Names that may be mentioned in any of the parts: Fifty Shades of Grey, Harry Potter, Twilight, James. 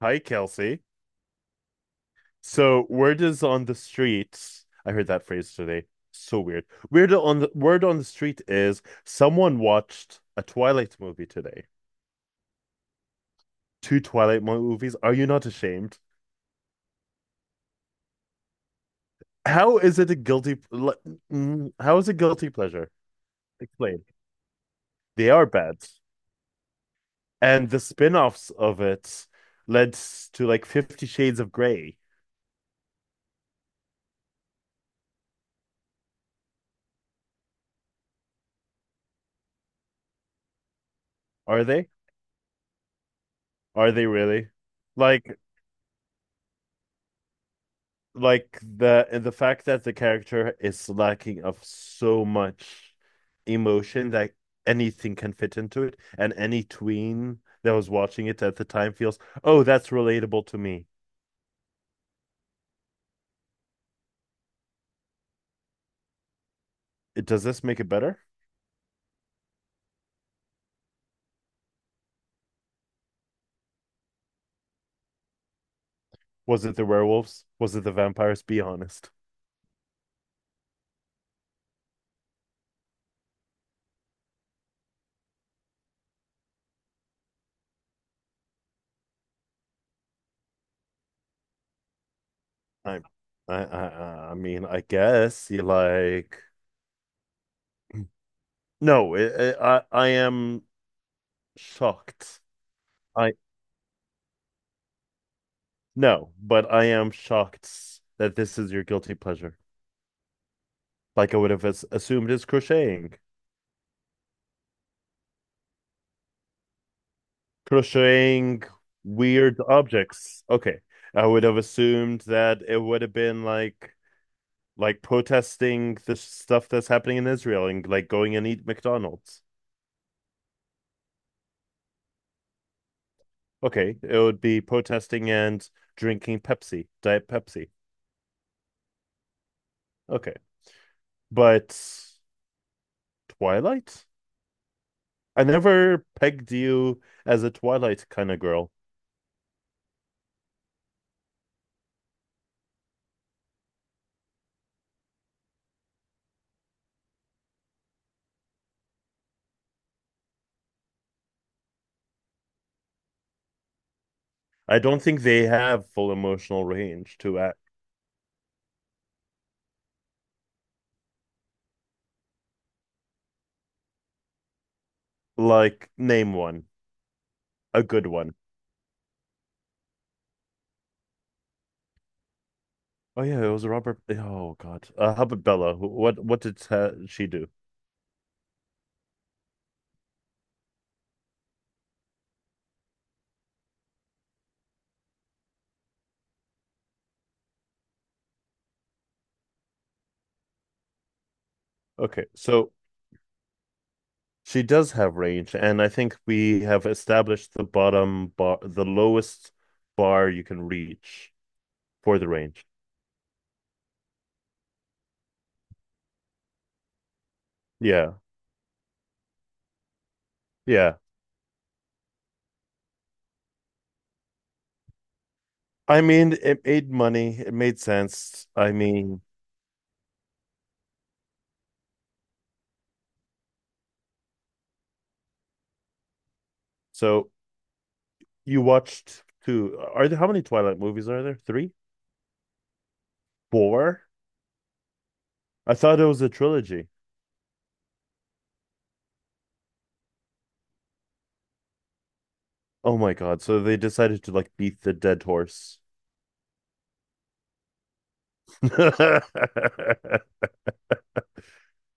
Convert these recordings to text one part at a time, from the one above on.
Hi, Kelsey. So, word is on the streets. I heard that phrase today. So weird. Weird on the word on the street is someone watched a Twilight movie today. Two Twilight movies. Are you not ashamed? How is it a How is it guilty pleasure? Explain. They are bad, and the spin-offs of it to like Fifty Shades of Grey. Are they? Are they really? Like like the fact that the character is lacking of so much emotion that anything can fit into it, and any tween that was watching it at the time feels, oh, that's relatable to me. Does this make it better? Was it the werewolves? Was it the vampires? Be honest. I, I mean, I guess you like. No, I am shocked. I No, but I am shocked that this is your guilty pleasure. Like I would have assumed is crocheting. Crocheting weird objects. Okay. I would have assumed that it would have been like protesting the stuff that's happening in Israel and like going and eat McDonald's. Okay, it would be protesting and drinking Pepsi, Diet Pepsi. Okay. But Twilight? I never pegged you as a Twilight kind of girl. I don't think they have full emotional range to act. Like, name one, a good one. Oh yeah, it was Oh God, how about Bella? What did she do? Okay, so she does have range, and I think we have established the bottom bar, the lowest bar you can reach for the range. Yeah, yeah. I mean, it made money. It made sense. I mean, so you watched two. Are there How many Twilight movies are there? Three, four? I thought it was a trilogy. Oh my God! So they decided to like beat the dead horse.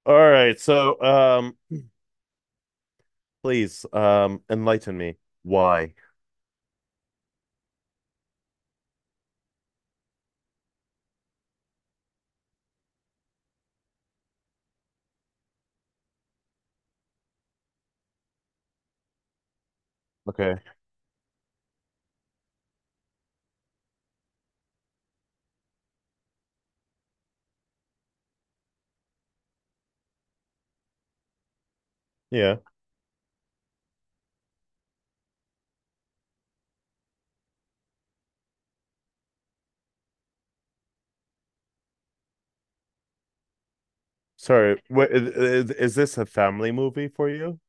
All right, so please enlighten me. Why? Okay. Yeah. Sorry. Wait, is this a family movie for you?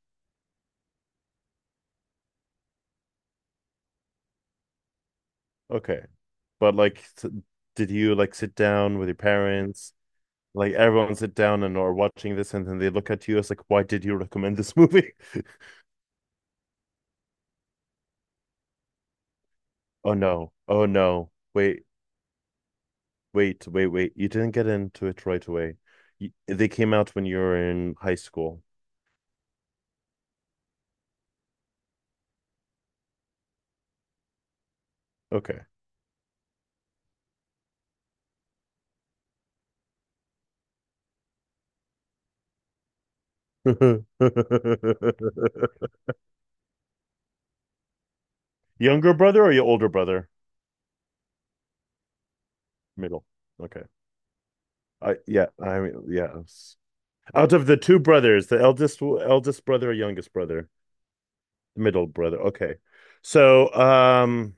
Okay. But did you like sit down with your parents? Like everyone sit down and are watching this and then they look at you as like, why did you recommend this movie? Oh no. Oh no. Wait, wait. You didn't get into it right away. You, they came out when you were in high school. Okay. Younger brother or your older brother? Middle. Okay. I yeah. I mean yeah. Out of the two brothers, the eldest brother or youngest brother? Middle brother. Okay. So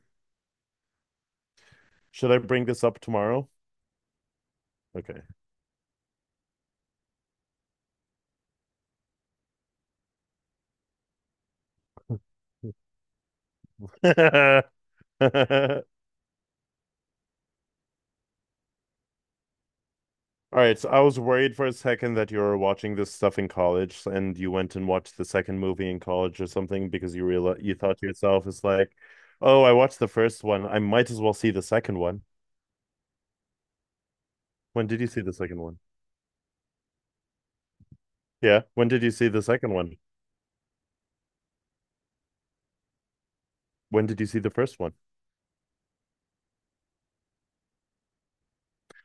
should I bring this up tomorrow? Okay. All right, so I was worried for a second that you were watching this stuff in college and you went and watched the second movie in college or something because you thought to yourself, it's like, oh, I watched the first one. I might as well see the second one. When did you see the second one? Yeah. When did you see the second one? When did you see the first one?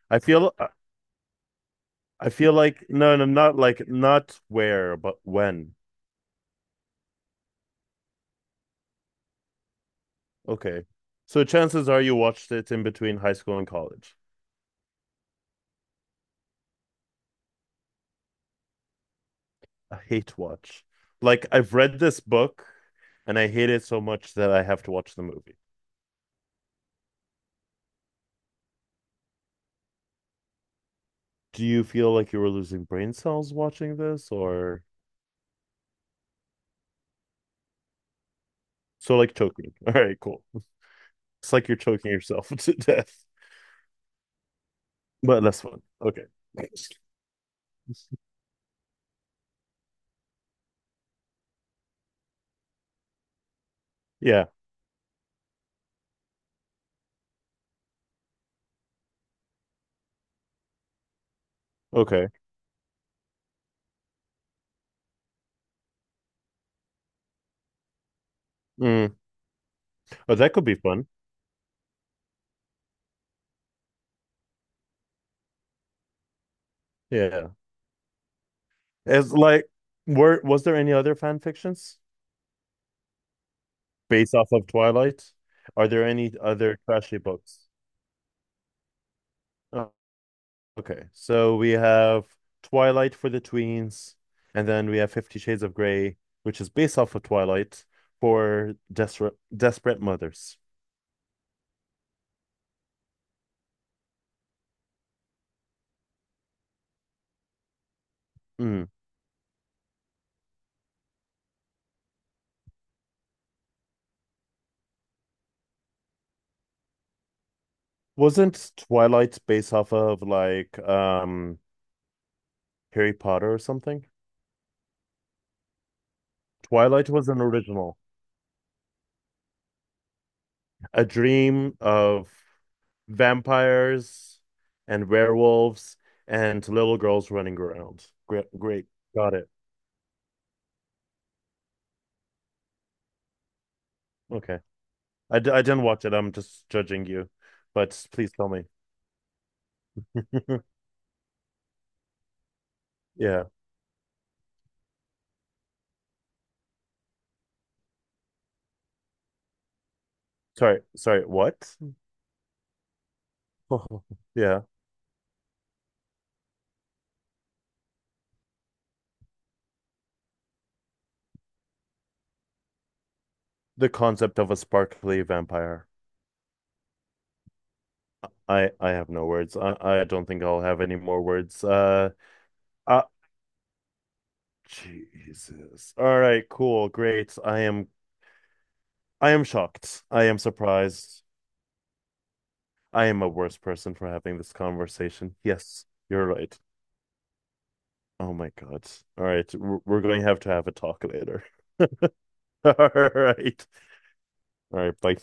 I feel uh, I feel like no, no, not like not where, but when. Okay. So chances are you watched it in between high school and college. A hate watch. Like I've read this book and I hate it so much that I have to watch the movie. Do you feel like you were losing brain cells watching this or so like choking? All right, cool. It's like you're choking yourself to death, but less fun. Okay. Yeah. Okay. Mm. Oh, that could be fun. Yeah. As like, were was there any other fan fictions based off of Twilight? Are there any other trashy books? Oh, okay. So we have Twilight for the tweens, and then we have Fifty Shades of Grey, which is based off of Twilight for desperate mothers. Mm. Wasn't Twilight based off of like Harry Potter or something? Twilight was an original, a dream of vampires and werewolves and little girls running around. Great, great. Got it. Okay. I didn't watch it. I'm just judging you, but please tell me. Yeah. Sorry. Sorry. What? Yeah. The concept of a sparkly vampire. I have no words. I don't think I'll have any more words. Uh Jesus. All right, cool. Great. I am shocked. I am surprised. I am a worse person for having this conversation. Yes, you're right. Oh my God. All right. We're going to have a talk later. All right. All right. Bye.